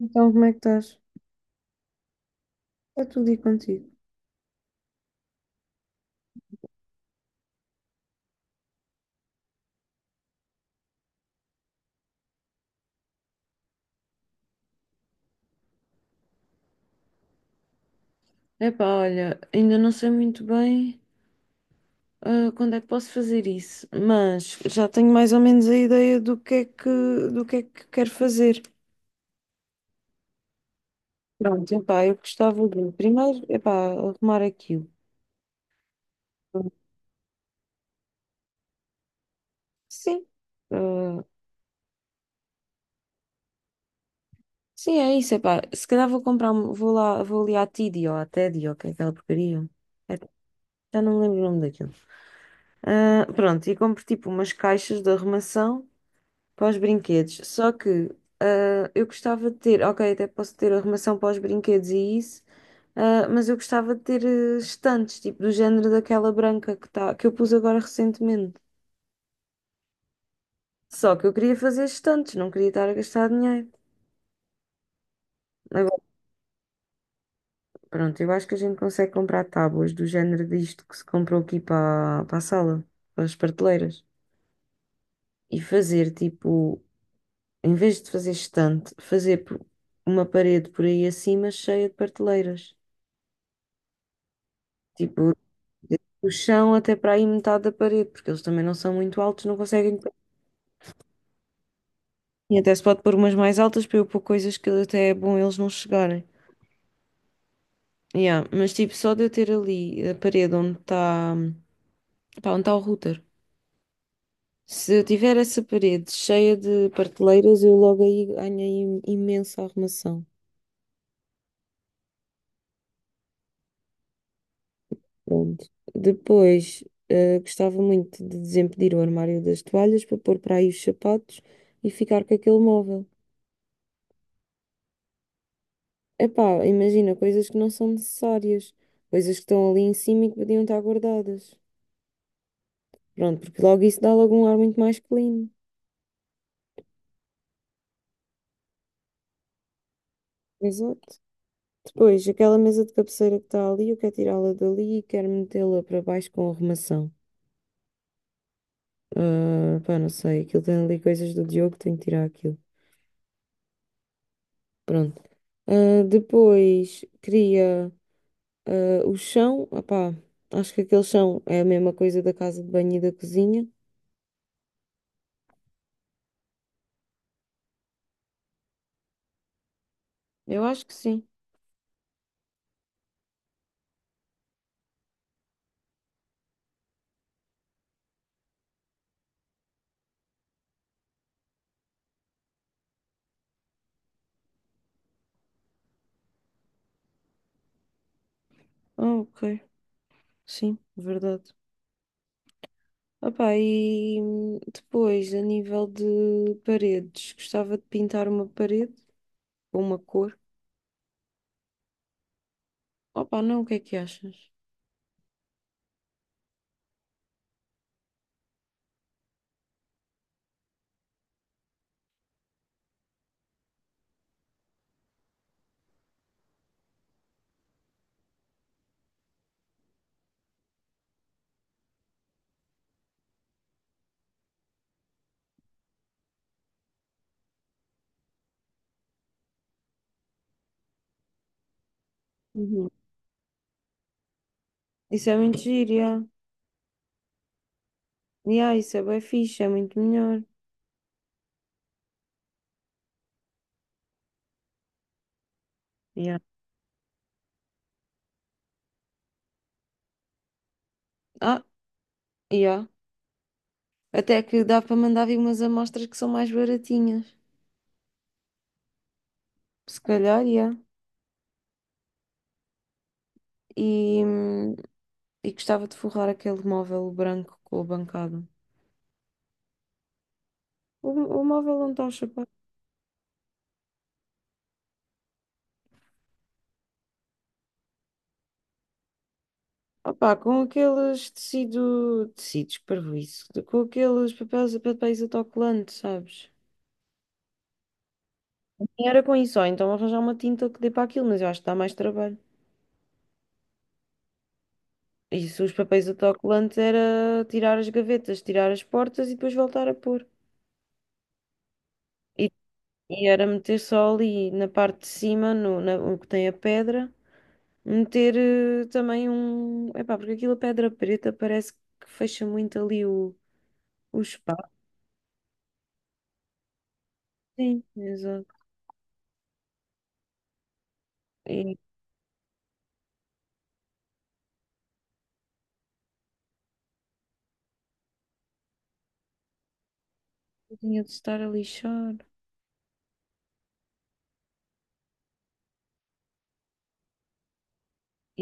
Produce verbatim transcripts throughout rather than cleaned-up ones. Então, como é que estás? Está tudo e contigo? Epá, olha, ainda não sei muito bem ah, quando é que posso fazer isso, mas já tenho mais ou menos a ideia do que é que, do que é que quero fazer. Pronto, epá, eu gostava de primeiro, epá, arrumar aquilo. Sim, ah, sim, é isso, epá. Se calhar vou comprar, um- vou lá, vou ali à Tidy ou à Teddy ou o que é aquela porcaria. É, já não me lembro o nome daquilo. Ah, pronto, e compro tipo umas caixas de arrumação para os brinquedos. Só que ah, eu gostava de ter, ok, até posso ter arrumação para os brinquedos e isso, ah, mas eu gostava de ter eh, estantes, tipo do género daquela branca que, tá, que eu pus agora recentemente. Só que eu queria fazer estantes, não queria estar a gastar dinheiro. Agora, pronto, eu acho que a gente consegue comprar tábuas do género disto que se comprou aqui para, para a sala, para as prateleiras. E fazer tipo, em vez de fazer estante, fazer por- uma parede por aí acima cheia de prateleiras. Tipo, o chão até para aí metade da parede, porque eles também não são muito altos, não conseguem. E até se pode pôr umas mais altas para eu pôr coisas que até é bom eles não chegarem. Yeah, mas tipo, só de eu ter ali a parede onde está, onde está o router. Se eu tiver essa parede cheia de prateleiras, eu logo aí ganhei imensa arrumação. Pronto. Depois, eh, gostava muito de desempedir o armário das toalhas para pôr para aí os sapatos e ficar com aquele móvel. Epá, imagina, coisas que não são necessárias, coisas que estão ali em cima e que podiam estar guardadas. Pronto, porque logo isso dá logo um ar muito mais clean. Exato. Depois, aquela mesa de cabeceira que está ali, eu quero tirá-la dali e quero metê-la para baixo com arrumação. Ah, pá, não sei, aquilo tem ali coisas do Diogo, tenho que tirar aquilo. Pronto. Ah, depois, queria ah, o chão, opá, acho que aquele chão é a mesma coisa da casa de banho e da cozinha. Eu acho que sim. Ah, ok. Sim, verdade. Opa, e hum, depois, a nível de paredes, gostava de pintar uma parede ou uma cor. Opa, não, o que é que achas? Uhum. Isso é muito giro, yeah. Yeah, isso é bem fixe, é muito melhor. Yeah. Ah, yeah. Até que dá para mandar vir umas amostras que são mais baratinhas. Se calhar, yeah. E, hum, e gostava de forrar aquele móvel branco com a bancada. O, o móvel onde está o chapéu. Opá, com aqueles tecido, tecidos, parvoíce, com aqueles papéis, papéis autocolantes, sabes? E era com isso, ou então arranjar uma tinta que dê para aquilo, mas eu acho que dá mais trabalho. Isso, os papéis autocolantes era tirar as gavetas, tirar as portas e depois voltar a pôr. E, e era meter só ali na parte de cima, no, na, o que tem a pedra, meter eh, também um. Epá, porque aquilo a pedra preta parece que fecha muito ali o, o espaço. Sim, exato. Eu tinha de estar a lixar.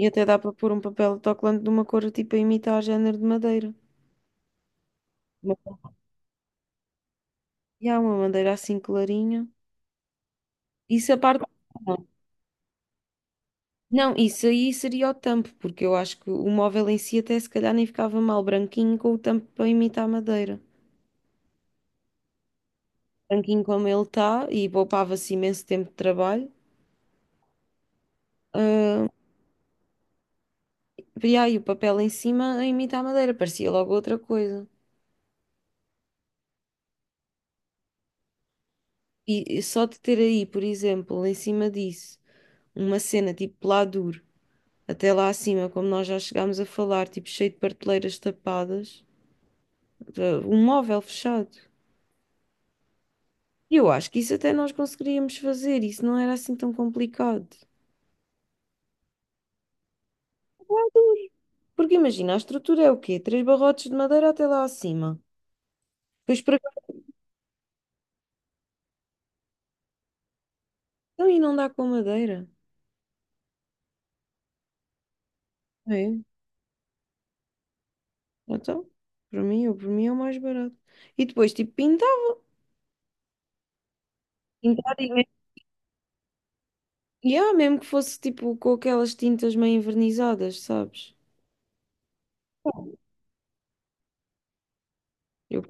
E até dá para pôr um papel de autocolante de uma cor tipo a imitar género de madeira. Uma, e há uma madeira assim clarinha. Isso a parte. Não, isso aí seria o tampo, porque eu acho que o móvel em si até se calhar nem ficava mal branquinho com o tampo para imitar madeira. Branquinho como ele está e poupava-se imenso tempo de trabalho. E aí o papel em cima a imitar madeira, parecia logo outra coisa. E e só de ter aí, por exemplo, em cima disso, uma cena tipo pladur. Até lá acima, como nós já chegámos a falar, tipo cheio de prateleiras tapadas, eh, um móvel fechado. E eu acho que isso até nós conseguiríamos fazer, isso não era assim tão complicado. Porque imagina, a estrutura é o quê? Três barrotes de madeira até lá acima. Depois para cá então, e não dá com madeira. É, então, para mim, eu, para mim é o mais barato. E depois, tipo, pintar. Pintar e mesmo, yeah, mesmo que fosse tipo com aquelas tintas meio envernizadas, sabes? Eu,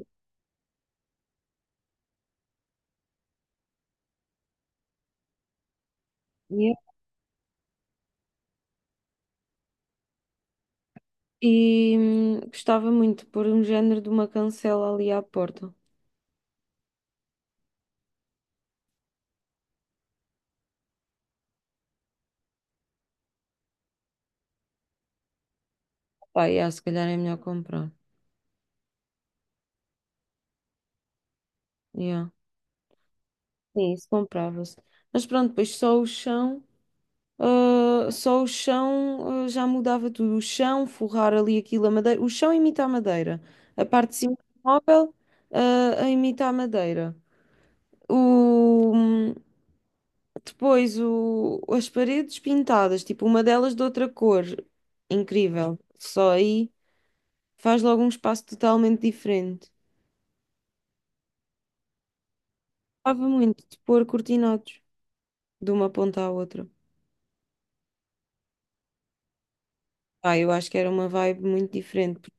e hum, gostava muito de pôr um género de uma cancela ali à porta. Pá, yeah, se calhar é melhor comprar. Yeah. Sim, isso comprava-se. Mas pronto, depois só o chão, ah, só o chão, ah, já mudava tudo. O chão, forrar ali aquilo, a madeira. O chão imita a madeira. A parte de cima do móvel, ah, a imita a madeira. O, hum, depois o, as paredes pintadas, tipo uma delas de outra cor. Incrível. Só aí. Faz logo um espaço totalmente diferente. Gostava muito de pôr cortinados de uma ponta à outra. Ah, eu acho que era uma vibe muito diferente. Porque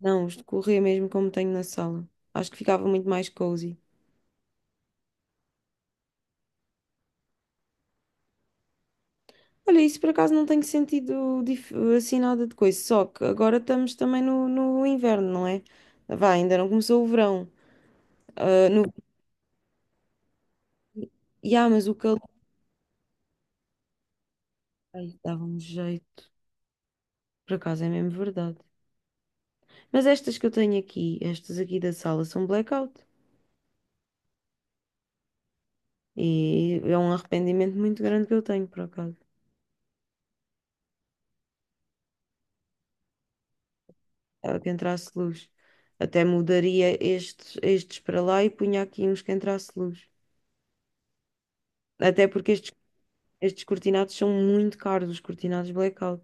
não, os de mesmo como tenho na sala. Acho que ficava muito mais cozy. Olha, isso por acaso não tem sentido dif- assim nada de coisa. Só que agora estamos também no, no inverno, não é? Vá, ainda não começou o verão. Ah, no... E ah, mas o calor. Ai, dava-me jeito. Por acaso é mesmo verdade. Mas estas que eu tenho aqui, estas aqui da sala, são blackout. E é um arrependimento muito grande que eu tenho, por acaso, ah, que entrasse luz. Até mudaria estes, estes para lá e punha aqui uns que entrasse luz. Até porque estes, estes cortinados são muito caros, os cortinados blackout.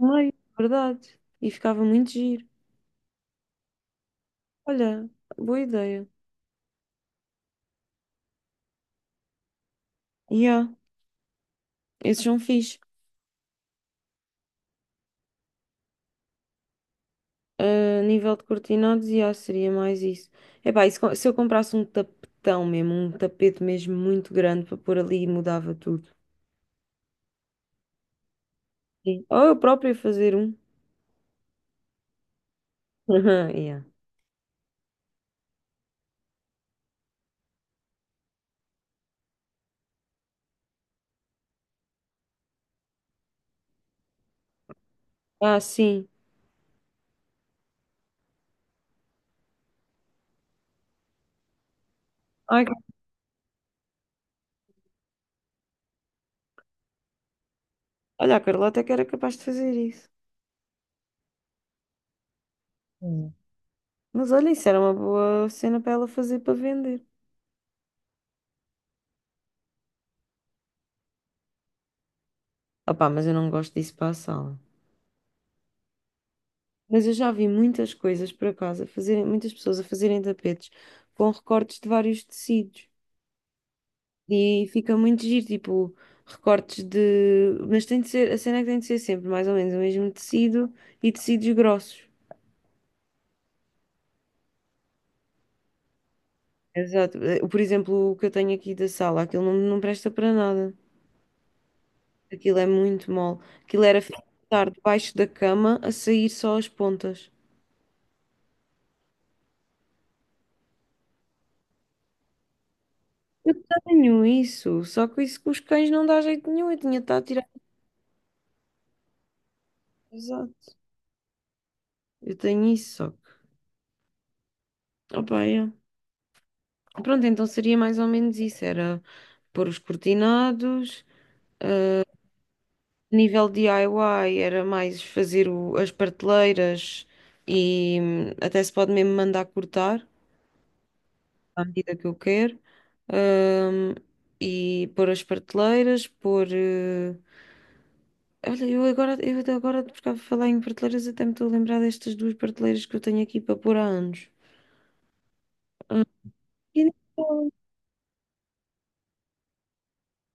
Ai, verdade. E ficava muito giro. Olha, boa ideia. Yeah, esses são fixe. A nível de cortinados, yeah, seria mais isso. Epá, e se, co- se eu comprasse um tapetão mesmo, um tapete mesmo muito grande para pôr ali, mudava tudo. Sim. Ou eu própria fazer um. Aham, yeah. Ah, sim. Ai, olha, a Carla até que era capaz de fazer isso. Hum. Mas olha, isso era uma boa cena para ela fazer para vender. Opá, mas eu não gosto disso para a sala. Mas eu já vi muitas coisas por acaso, a fazerem, muitas pessoas a fazerem tapetes com recortes de vários tecidos. E fica muito giro, tipo, recortes de. Mas tem de ser, a cena é que tem de ser sempre mais ou menos o mesmo tecido e tecidos grossos. Exato. Eh, por exemplo, o que eu tenho aqui da sala, aquilo não, não presta para nada. Aquilo é muito mole. Aquilo era estar debaixo da cama a sair só as pontas. Eu tenho isso, só que isso com os cães não dá jeito nenhum. Eu tinha estado a tirar. Exato. Eu tenho isso, só que. Opa, é. Pronto, então seria mais ou menos isso: era pôr os cortinados, ah, a nível D I Y era mais fazer o- as prateleiras e hum, até se pode mesmo mandar cortar à medida que eu quero, ahm, e pôr as prateleiras, pôr. eh, Olha, eu agora, eu até agora, por causa de falar em prateleiras, até me estou a lembrar destas duas prateleiras que eu tenho aqui para pôr há anos. Ah, e então,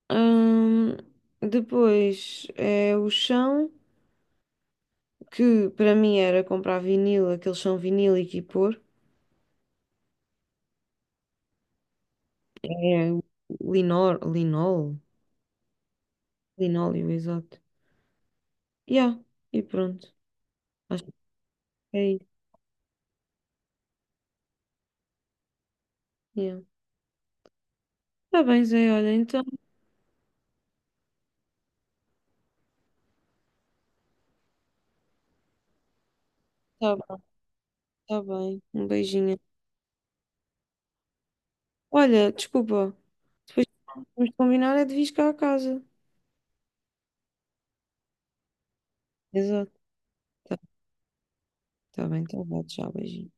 ahm, depois é o chão, que para mim era comprar vinil, aquele chão vinílico e pôr. É o linor, linol, linóleo, exato. Yeah, e pronto. Acho que é isso. Yeah. Tá bem, Zé, olha, então. Tá, bem, tá bem. Um beijinho. Olha, desculpa. Depois vamos combinar é de vir cá a casa. Exato. Tá, tá bem, tá bom. Tchau, beijinho.